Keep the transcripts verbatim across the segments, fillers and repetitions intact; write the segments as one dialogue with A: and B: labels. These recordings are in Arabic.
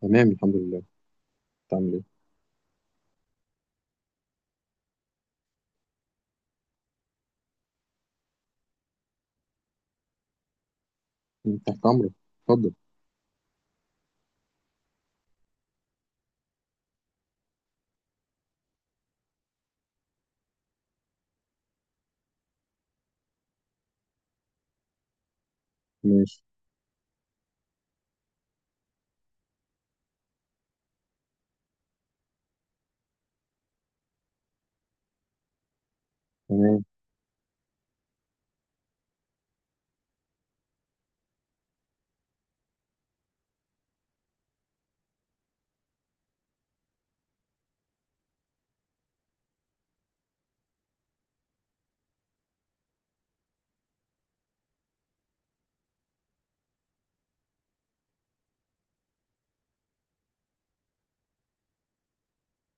A: تمام، الحمد لله. بتعمل ايه؟ أنت تحت امرك. اتفضل. ماشي. تمام.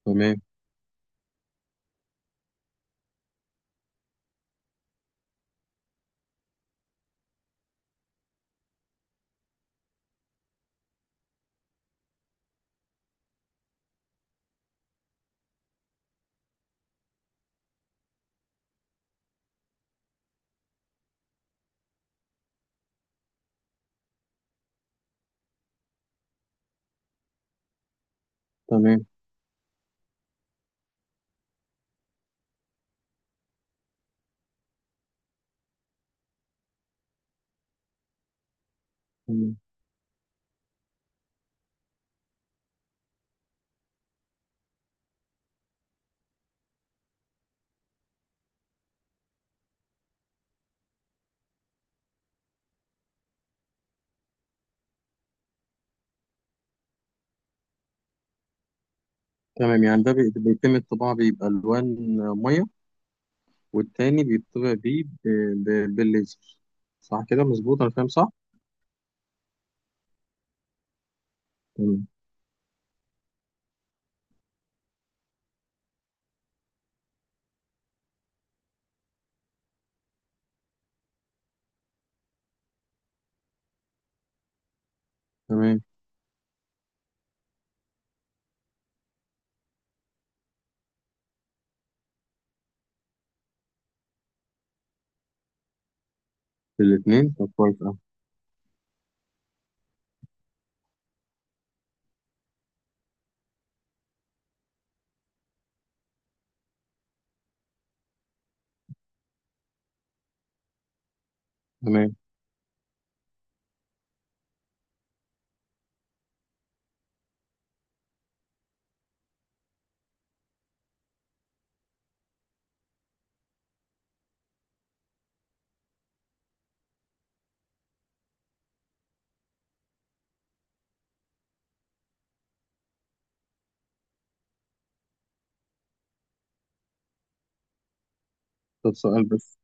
A: تمام. تمام. تمام. تمام. يعني ده بي- بيتم الطباعة، بيبقى ألوان مية، والتاني بيطبع بيه ب- ب- بالليزر. صح كده، مظبوط. أنا فاهم صح؟ تمام. تمام. الاتنين؟ طب كويس أوي. تمام. طب سؤال بس.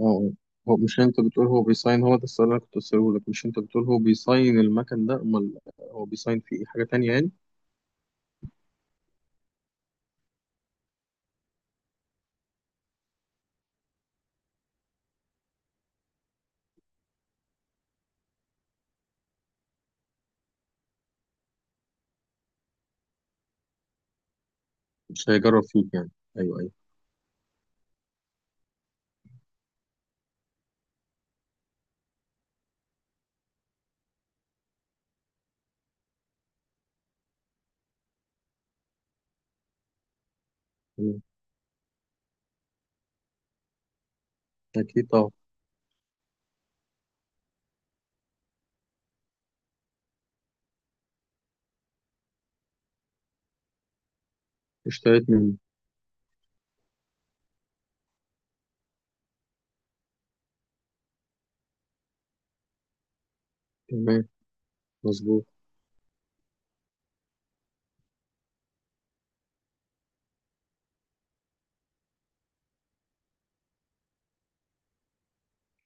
A: اه آه. هو مش أنت بتقول هو بيصين؟ هو ده السؤال اللي أنا كنت أسأله لك. مش أنت بتقول هو بيصين المكان ده، أمال هو بيصين فيه إيه، حاجة تانية يعني؟ مش هيجرب فيك يعني. أيوه، أيوه. تمام. أكيد طبعا. اشتريت منه؟ تمام، مظبوط.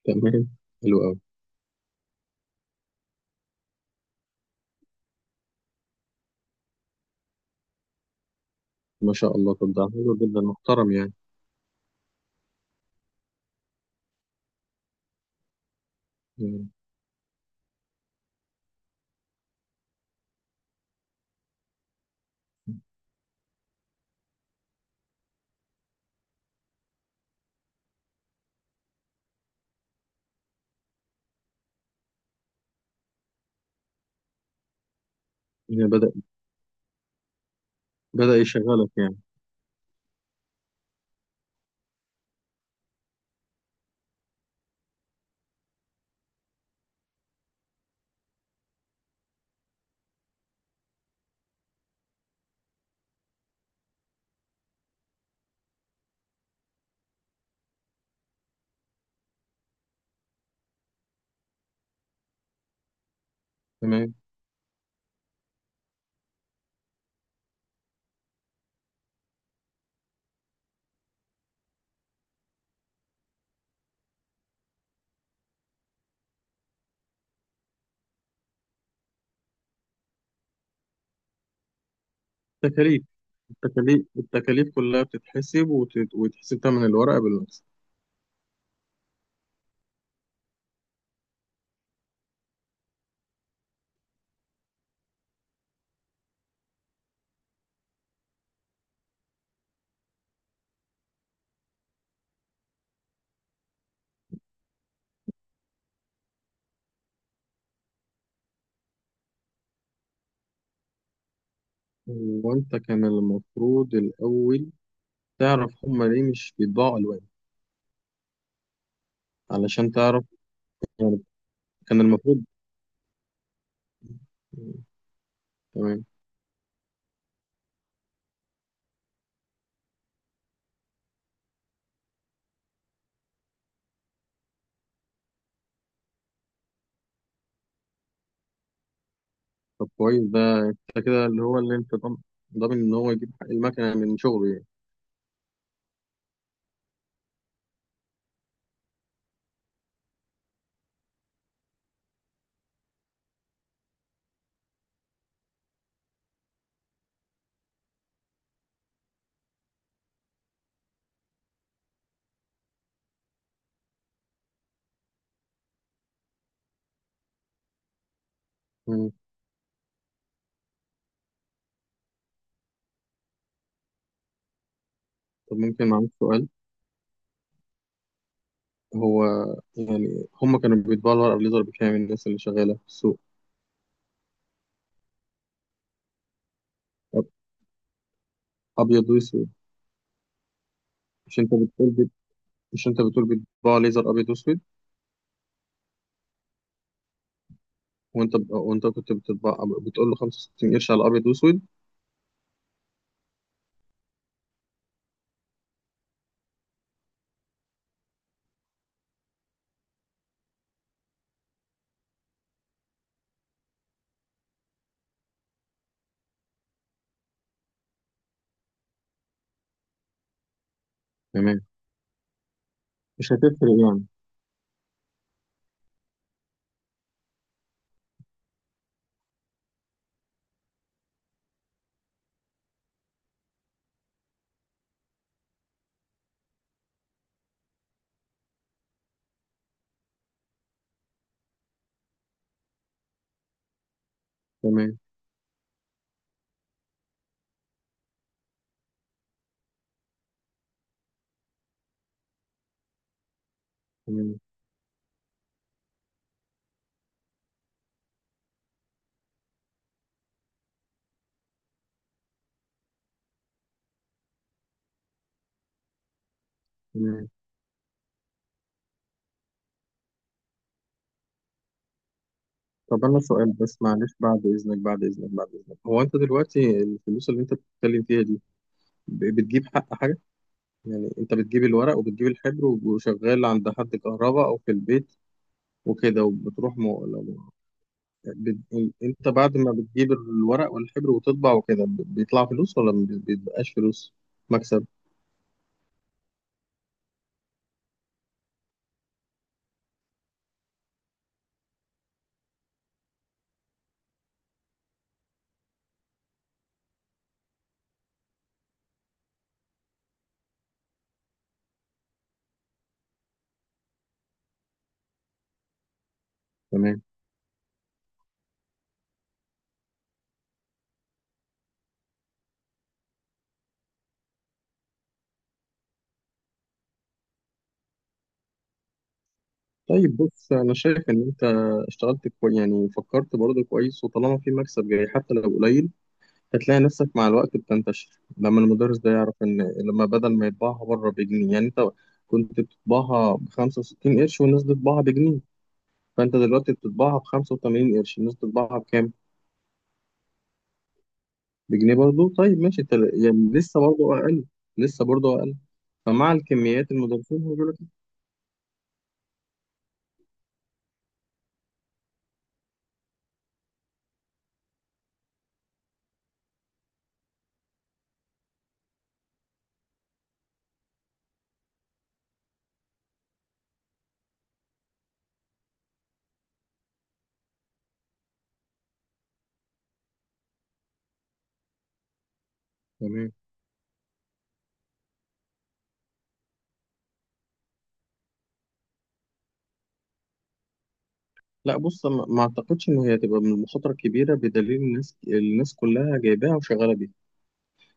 A: تمام. حلو قوي. ما شاء الله، طب ده حلو جدا، محترم يعني. يعني، يعني بدأ بدأ يشغلك يعني. تمام. التكاليف. التكاليف، التكاليف كلها بتتحسب، وتت- ويتحسب ثمن الورقة بالمكسب. وانت كان المفروض الأول تعرف هما ليه مش بيطبعوا ألوان، علشان تعرف يعني. كان المفروض. تمام. طب كويس ده. انت كده اللي هو اللي انت ضامن، ضامن ان هو يجيب حق المكنة من شغله يعني. مم. طب ممكن معاك سؤال؟ هو يعني هم كانوا بيطبعوا الورقة بليزر بكام، الناس اللي شغالة في السوق؟ أب- أبيض وأسود. مش أنت بتقول بت... مش أنت بتقول بيطبعوا ليزر أبيض وأسود؟ وأنت ب... وأنت كنت بتطبع بتقول له 65 قرش على أبيض وأسود. تمام، مش هتفرق يعني. تمام. تمام. تمام. طب أنا سؤال بس، معلش. بعد إذنك، بعد إذنك، بعد إذنك، هو أنت دلوقتي الفلوس اللي أنت بتتكلم فيها دي، ب... بتجيب حق حاجة؟ يعني أنت بتجيب الورق وبتجيب الحبر وشغال عند حد، كهرباء أو في البيت وكده، وبتروح م... بت... انت بعد ما بتجيب الورق والحبر وتطبع وكده ب- بيطلع فلوس ولا ما بي- بيبقاش فلوس، مكسب؟ تمام. طيب بص، انا شايف ان انت اشتغلت كويس، يعني فكرت برضه كويس، وطالما في مكسب جاي حتى لو قليل، هتلاقي نفسك مع الوقت بتنتشر لما المدرس ده يعرف ان، لما بدل ما يطبعها بره بجنيه يعني، انت كنت بتطبعها ب 65 قرش والناس بتطبعها بجنيه، فانت دلوقتي بتطبعها ب 85 قرش، الناس بتطبعها بكام؟ بجنيه برضه. طيب ماشي، انت يعني لسه برضه اقل. لسه برضه. فمع الكميات المدرسين هيقول لك. تمام. لا بص، ما ما اعتقدش ان هي هتبقى من المخاطره الكبيره، بدليل الناس الناس كلها جايباها وشغاله بيها.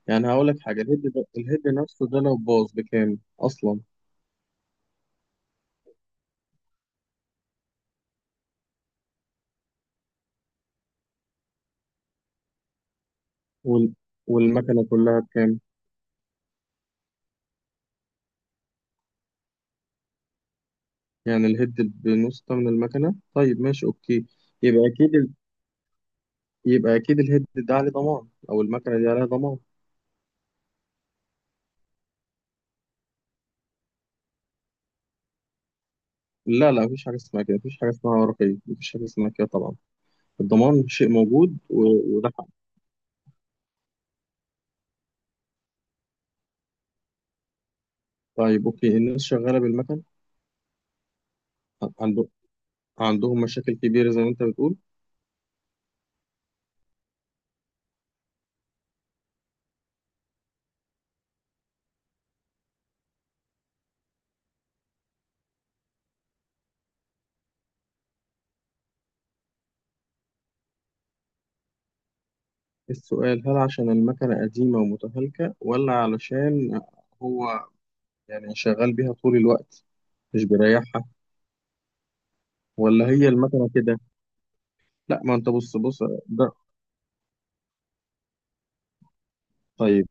A: يعني هقول لك حاجه، الهيد ده، الهيد نفسه ده لو باظ بكام اصلا؟ وال والمكنه كلها بكام؟ يعني الهيد بنص ثمن المكنه؟ طيب ماشي، اوكي. يبقى اكيد ال- يبقى اكيد الهيد ده عليه ضمان، او المكنه دي عليها ضمان. لا لا، مفيش حاجه اسمها كده، مفيش حاجه اسمها رقيق، مفيش حاجه اسمها كده طبعا. الضمان شيء موجود، و- وده حق. طيب اوكي، الناس شغاله بالمكنه؟ عنده عندهم مشاكل كبيرة زي ما أنت بتقول؟ السؤال، هل عشان المكنة قديمة ومتهالكة، ولا علشان هو يعني شغال بيها طول الوقت، مش بيريحها، ولا هي المكنة كده؟ لا ما أنت، بص بص ده. طيب،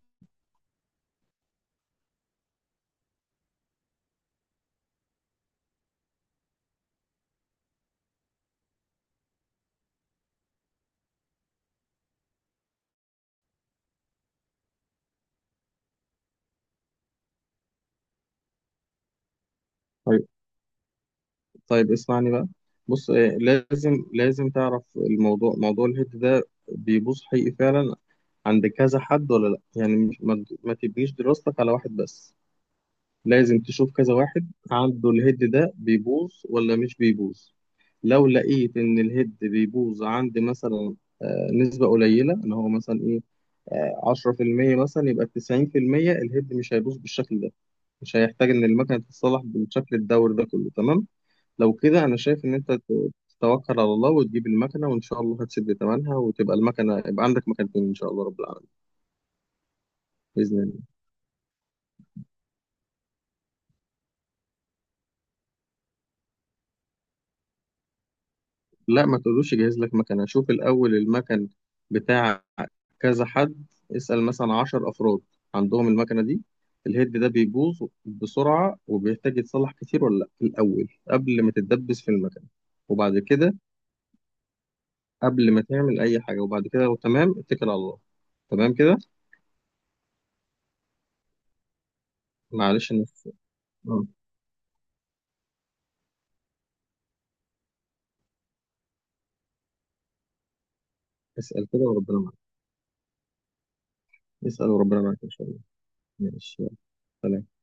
A: طيب، طيب، اسمعني بقى. بص، آه، لازم، لازم تعرف الموضوع، موضوع الهيد ده بيبوظ حقيقي فعلا عند كذا حد ولا لا. يعني مش- ما ما تبنيش دراستك على واحد بس، لازم تشوف كذا واحد عنده الهيد ده بيبوظ ولا مش بيبوظ. لو لقيت ان الهيد بيبوظ عند مثلا آه، نسبة قليلة ان هو مثلا ايه، آه، عشرة في المية مثلا، يبقى تسعين في المية الهيد مش هيبوظ بالشكل ده، مش هيحتاج ان المكنة تتصلح بالشكل الدور ده كله، تمام؟ لو كده انا شايف ان انت ت- تتوكل على الله وتجيب المكنة وان شاء الله هتسد تمنها، وتبقى المكنة، يبقى عندك مكنتين ان شاء الله رب العالمين. بإذن الله. لا ما تقولوش جهز لك مكنة، شوف الأول المكن بتاع كذا حد، اسأل مثلا عشر أفراد عندهم المكنة دي، الهيد ده بيبوظ بسرعة وبيحتاج يتصلح كتير ولا لأ، الأول قبل ما تتدبس في المكنة. وبعد كده، قبل ما تعمل أي حاجة وبعد كده لو تمام، اتكل على الله. تمام كده؟ معلش أنا آه، اسأل كده وربنا معاك. اسأل وربنا معاك إن شاء الله. ماشي، يلا. سلام.